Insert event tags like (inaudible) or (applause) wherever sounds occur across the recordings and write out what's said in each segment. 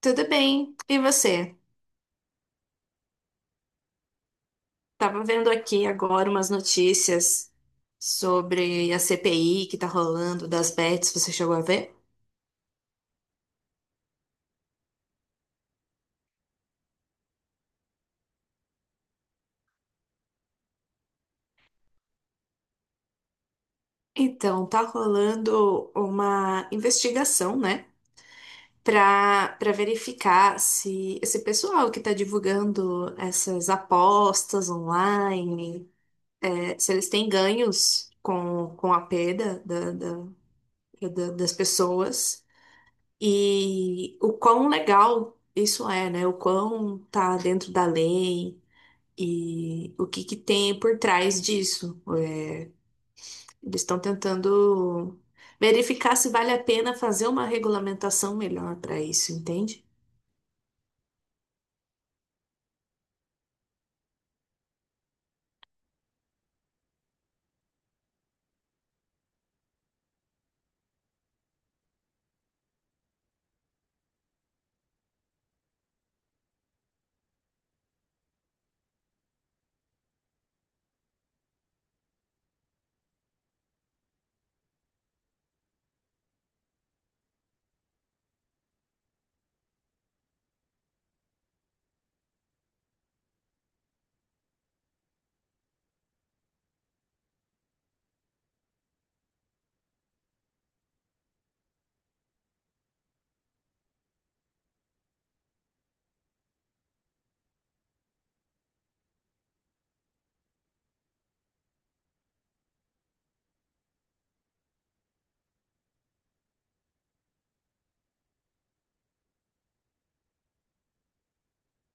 Tudo bem? E você? Tava vendo aqui agora umas notícias sobre a CPI que tá rolando das bets, você chegou a ver? Então, tá rolando uma investigação, né, pra verificar se esse pessoal que tá divulgando essas apostas online, se eles têm ganhos com a perda das pessoas. E o quão legal isso é, né? O quão tá dentro da lei e o que que tem por trás disso. Eles estão tentando verificar se vale a pena fazer uma regulamentação melhor para isso, entende?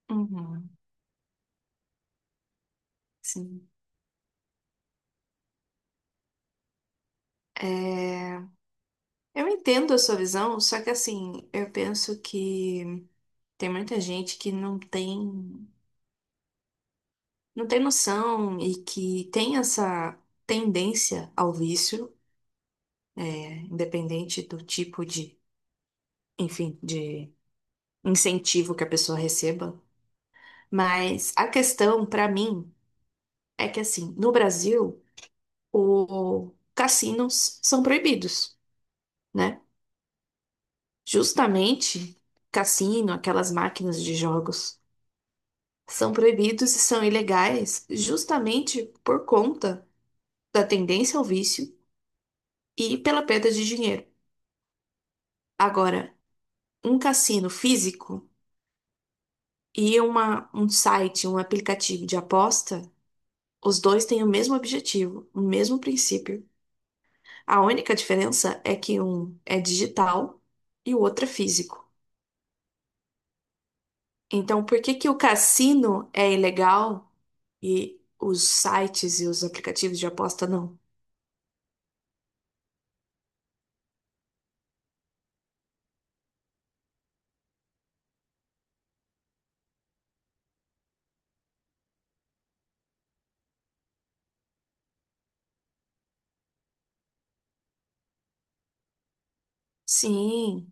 Uhum, sim. É, eu entendo a sua visão, só que assim, eu penso que tem muita gente que não tem, não tem noção e que tem essa tendência ao vício, é, independente do tipo de, enfim, de incentivo que a pessoa receba. Mas a questão para mim é que assim, no Brasil, os cassinos são proibidos, né? Justamente cassino, aquelas máquinas de jogos, são proibidos e são ilegais justamente por conta da tendência ao vício e pela perda de dinheiro. Agora, um cassino físico e um site, um aplicativo de aposta. Os dois têm o mesmo objetivo, o mesmo princípio. A única diferença é que um é digital e o outro é físico. Então, por que que o cassino é ilegal e os sites e os aplicativos de aposta não? Sim.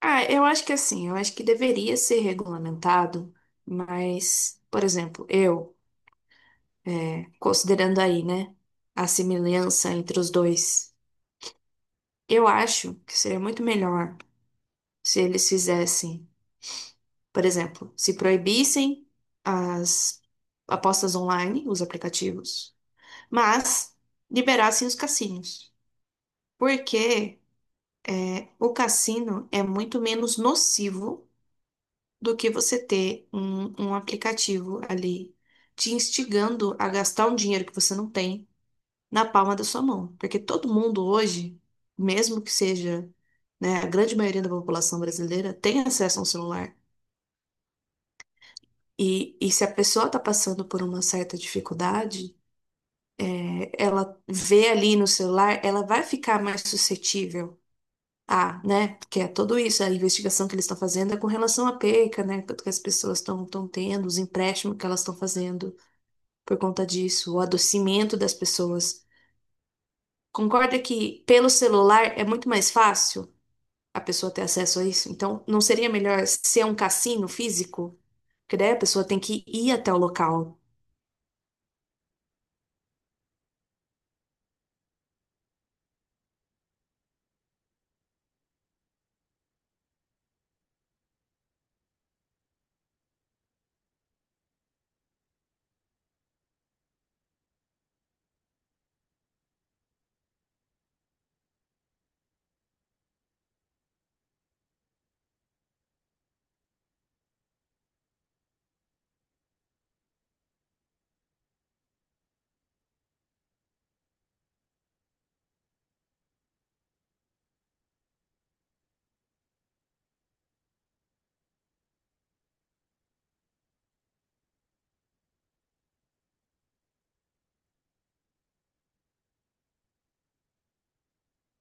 Ah, eu acho que assim, eu acho que deveria ser regulamentado, mas, por exemplo, considerando aí, né, a semelhança entre os dois, eu acho que seria muito melhor se eles fizessem. Por exemplo, se proibissem as apostas online, os aplicativos, mas liberassem os cassinos. Porque é, o cassino é muito menos nocivo do que você ter um aplicativo ali te instigando a gastar um dinheiro que você não tem na palma da sua mão. Porque todo mundo hoje, mesmo que seja, né, a grande maioria da população brasileira, tem acesso a um celular. E se a pessoa está passando por uma certa dificuldade, é, ela vê ali no celular, ela vai ficar mais suscetível a, né? Porque é tudo isso, a investigação que eles estão fazendo é com relação à perca, né? Que as pessoas estão tendo, os empréstimos que elas estão fazendo por conta disso, o adoecimento das pessoas. Concorda que pelo celular é muito mais fácil a pessoa ter acesso a isso? Então, não seria melhor ser um cassino físico? Porque daí a pessoa tem que ir até o local.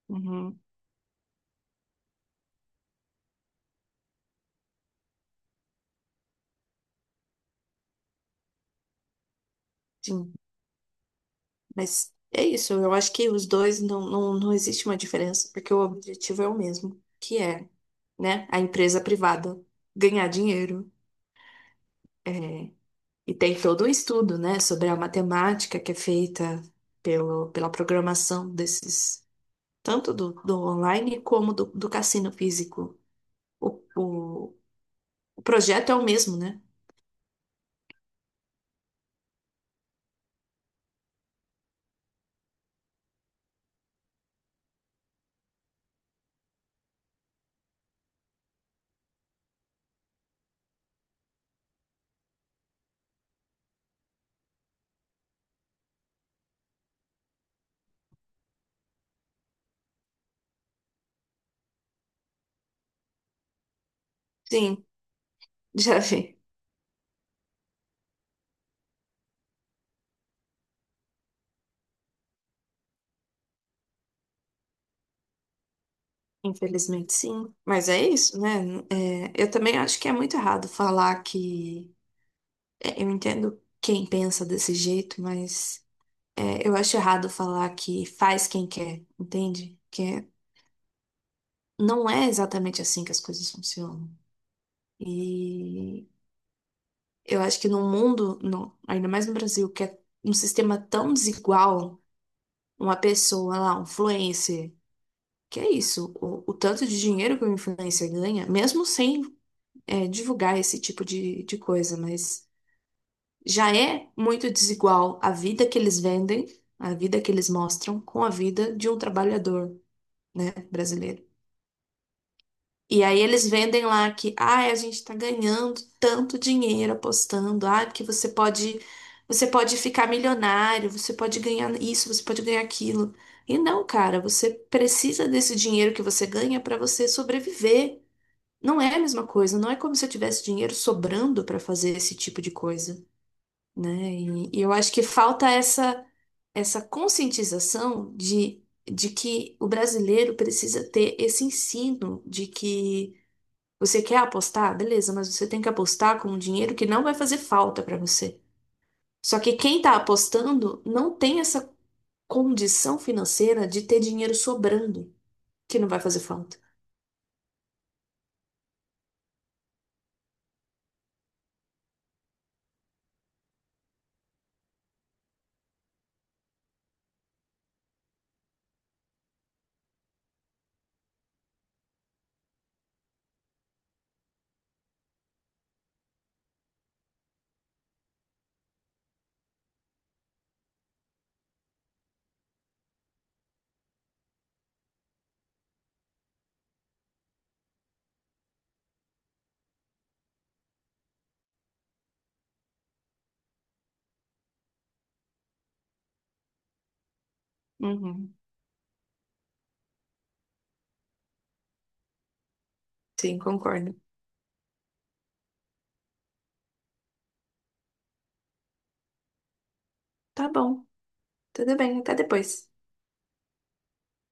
Uhum, sim, mas é isso. Eu acho que os dois não existe uma diferença, porque o objetivo é o mesmo, que é, né, a empresa privada ganhar dinheiro. É, e tem todo o estudo, né, sobre a matemática que é feita pela programação desses, tanto do online como do cassino físico. O, o, o projeto é o mesmo, né? Sim, (laughs) já vi. Infelizmente, sim. Mas é isso, né? É, eu também acho que é muito errado falar que. É, eu entendo quem pensa desse jeito, mas é, eu acho errado falar que faz quem quer, entende? Que é- não é exatamente assim que as coisas funcionam. E eu acho que no mundo, no- ainda mais no Brasil, que é um sistema tão desigual, uma pessoa lá, um influencer. Que é isso, o tanto de dinheiro que o influencer ganha, mesmo sem é, divulgar esse tipo de coisa, mas já é muito desigual a vida que eles vendem, a vida que eles mostram, com a vida de um trabalhador, né, brasileiro. E aí eles vendem lá que, ai, a gente tá ganhando tanto dinheiro apostando, ai, porque você pode ficar milionário, você pode ganhar isso, você pode ganhar aquilo. E não, cara, você precisa desse dinheiro que você ganha para você sobreviver. Não é a mesma coisa, não é como se eu tivesse dinheiro sobrando para fazer esse tipo de coisa, né? E eu acho que falta essa essa conscientização de que o brasileiro precisa ter esse ensino de que você quer apostar, beleza, mas você tem que apostar com um dinheiro que não vai fazer falta para você. Só que quem está apostando não tem essa condição financeira de ter dinheiro sobrando, que não vai fazer falta. Uhum. Sim, concordo. Tá bom, tudo bem, até depois.